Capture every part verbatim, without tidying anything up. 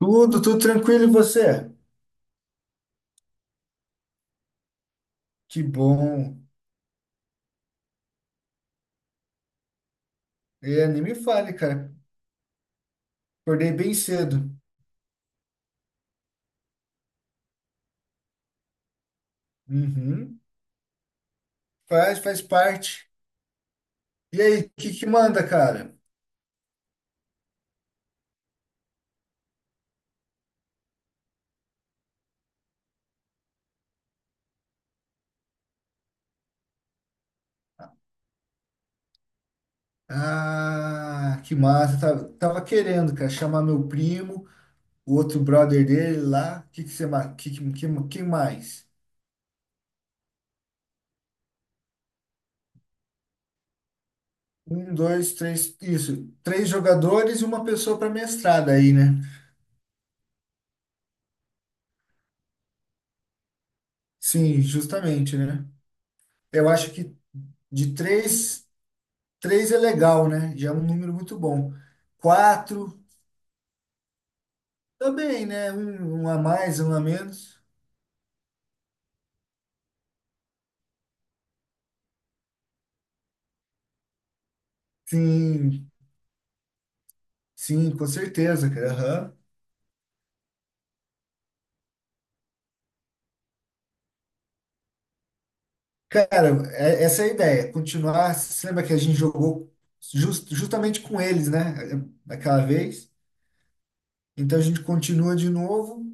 Tudo, tudo tranquilo, e você? Que bom. É, nem me fale, cara. Acordei bem cedo. Uhum. Faz, faz parte. E aí, o que que manda, cara? Ah, que massa. Tava, tava querendo, cara, chamar meu primo, o outro brother dele lá. O que que você, ma- que, que, que, que mais? Um, dois, três, isso. Três jogadores e uma pessoa para mestrada aí, né? Sim, justamente, né? Eu acho que de três. Três é legal, né? Já é um número muito bom. Quatro também, né? Um, um a mais, um a menos. Sim, sim, com certeza, cara. Aham. Cara, é- essa é a ideia. Continuar. Você lembra que a gente jogou jus- justamente com eles, né? Daquela vez. Então a gente continua de novo.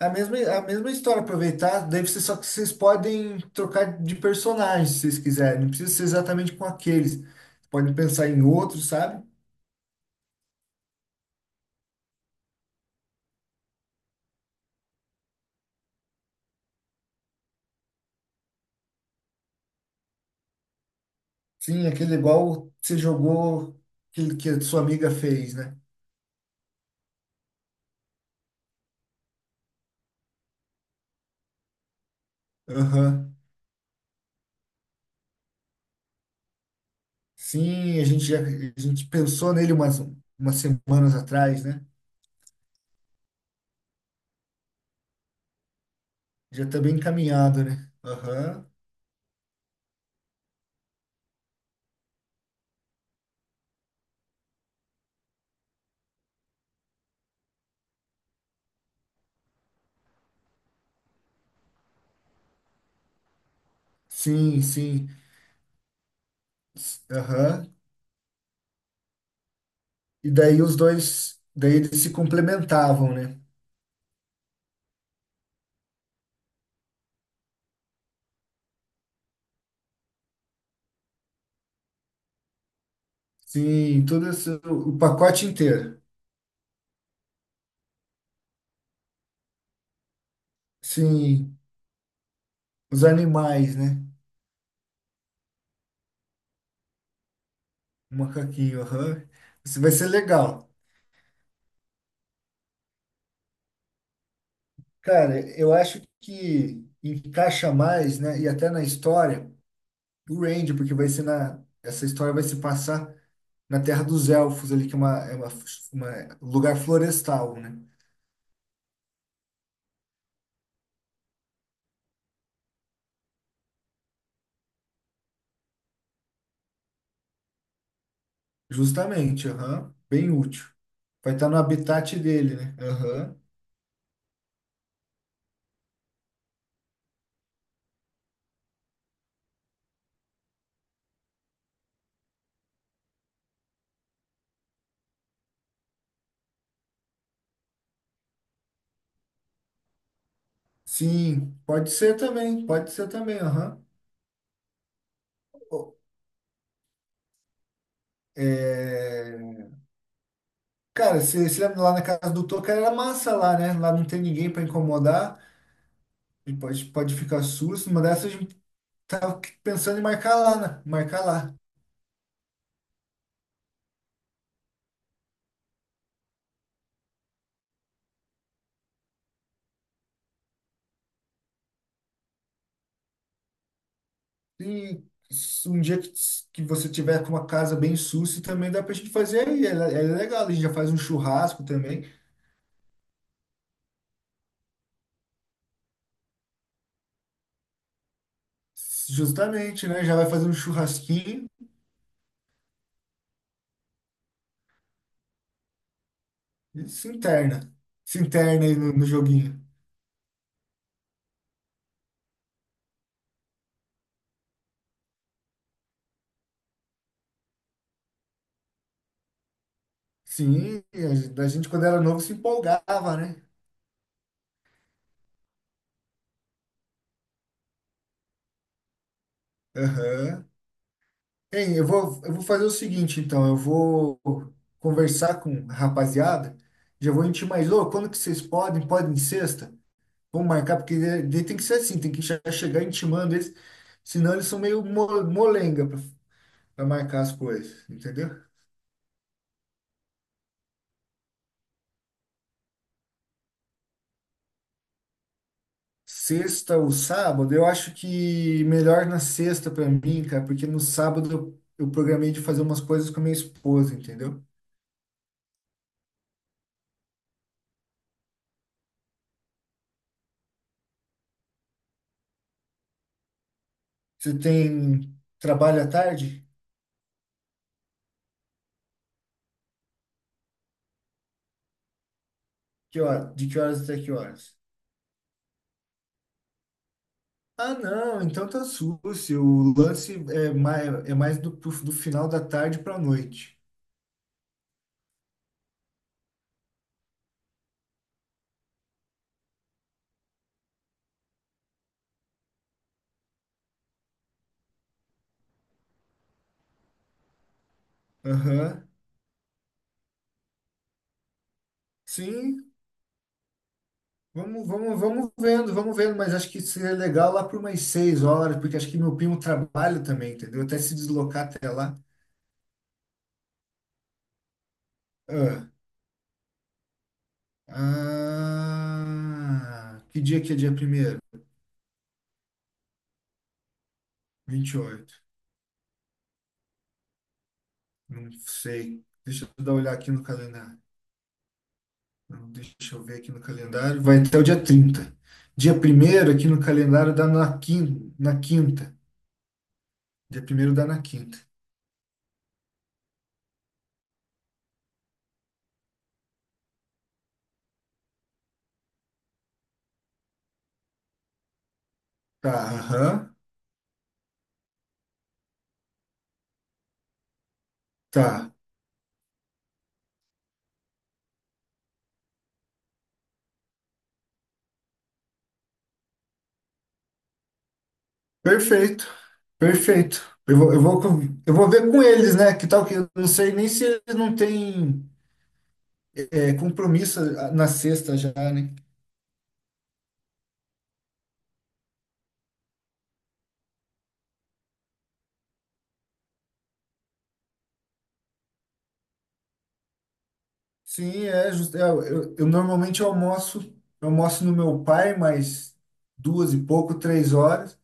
A mesma, a mesma história, aproveitar. Daí vocês, só que vocês podem trocar de personagem se vocês quiserem. Não precisa ser exatamente com aqueles. Podem pensar em outros, sabe? Sim, aquele igual você jogou que, que a sua amiga fez, né? Aham. Sim, a gente já a gente pensou nele umas, umas semanas atrás, né? Já tá bem encaminhado, né? Aham. Sim, sim. S- Aham. E daí os dois, daí eles se complementavam, né? Sim, todo esse, o pacote inteiro. Sim, os animais, né? O macaquinho, aham. Isso vai ser legal. Cara, eu acho que encaixa mais, né? E até na história, o Randy, porque vai ser na. Essa história vai se passar na Terra dos Elfos, ali, que é uma, é uma, uma- um lugar florestal, né? Justamente, aham. Bem útil. Vai estar no habitat dele, né? Aham. Sim, pode ser também, pode ser também, aham. Ô, é, cara, você se lembra lá na casa do Toca era massa lá, né? Lá não tem ninguém para incomodar. E pode, pode ficar susto, uma dessas. Tava pensando em marcar lá, né? Marcar lá. E s- um dia que que você tiver com uma casa bem sussa, também dá pra gente fazer aí. É, é legal, a gente já faz um churrasco também. Justamente, né? Já vai fazer um churrasquinho e se interna. Se interna aí no, no joguinho. Sim, a gen- a gente quando era novo se empolgava, né? Aham. Hein, eu vou, eu vou fazer o seguinte, então. Eu vou conversar com a rapaziada. Já vou intimar mais, ô, quando que vocês podem? Podem sexta? Vamos marcar, porque daí daí tem que ser assim, tem que já chegar intimando eles, senão eles são meio mo- molenga para marcar as coisas, entendeu? Sexta ou sábado, eu acho que melhor na sexta para mim, cara, porque no sábado eu, eu programei de fazer umas coisas com a minha esposa, entendeu? Você tem trabalho à tarde? Que hora? De que horas até que horas? Ah, não, então tá sucio. O lance é mais, é mais do, pro- do final da tarde para noite. Aham. Sim, Vamos, vamos, vamos vendo, vamos vendo, mas acho que seria legal lá por umas seis horas, porque acho que meu primo trabalha também, entendeu? Até se deslocar até lá. Ah, ah, que dia que é dia primeiro? Vinte e oito. Não sei. Deixa eu dar uma olhada aqui no calendário. Não, deixa eu ver aqui no calendário. Vai até o dia trinta. Dia primeiro aqui no calendário dá na quinta. Na quinta. Dia primeiro dá na quinta. Tá, aham. Tá. Perfeito, perfeito. Eu vou, eu vou, com- eu vou ver com eles, né? Que tal que eu não sei nem se eles não têm é, compromisso na sexta já, né? Sim, é, justo. É, eu, eu normalmente almoço, eu almoço no meu pai, mas duas e pouco, três horas.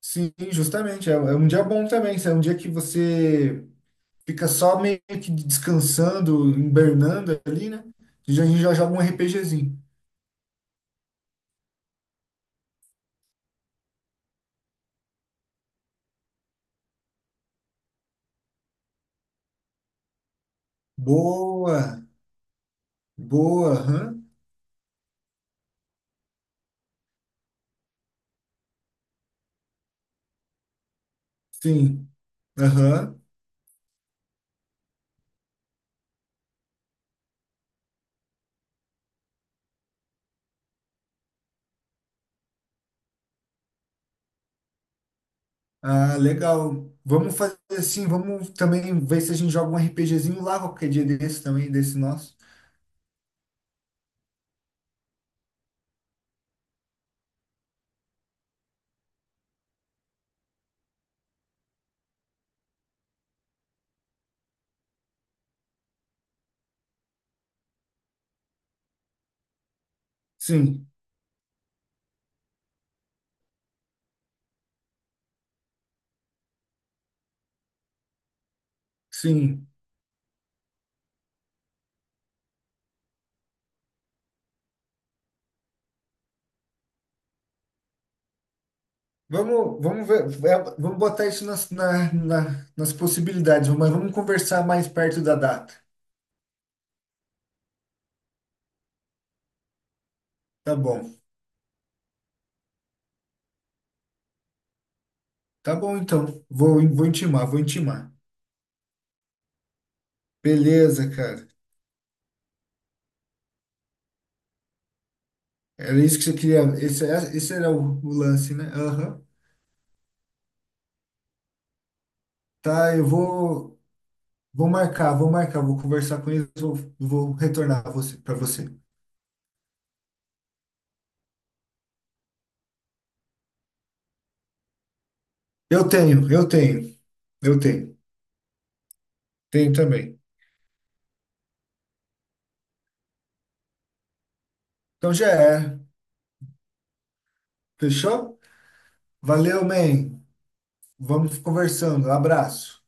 Sim, justamente. É, é um dia bom também. Isso. É um dia que você fica só meio que descansando, hibernando ali, né? Já- A gente já joga um RPGzinho. Boa, boa. Aham. Sim. Aham. Ah, legal. Vamos fazer assim, vamos também ver se a gente joga um RPGzinho lá qualquer dia desse também, desse nosso. Sim, sim. Vamos, vamos ver, é, vamos botar isso nas, na- na- nas possibilidades, mas vamos conversar mais perto da data. Tá bom. Tá bom, então. Vou, vou intimar, vou intimar. Beleza, cara. Era isso que você queria. Esse, é- esse era o, o lance, né? Aham. Tá, eu vou. Vou marcar, vou marcar, vou conversar com eles, vou, vou retornar você, para você. Eu tenho, eu tenho, eu tenho, tenho também. Então já é, fechou? Valeu, man. Vamos conversando. Abraço.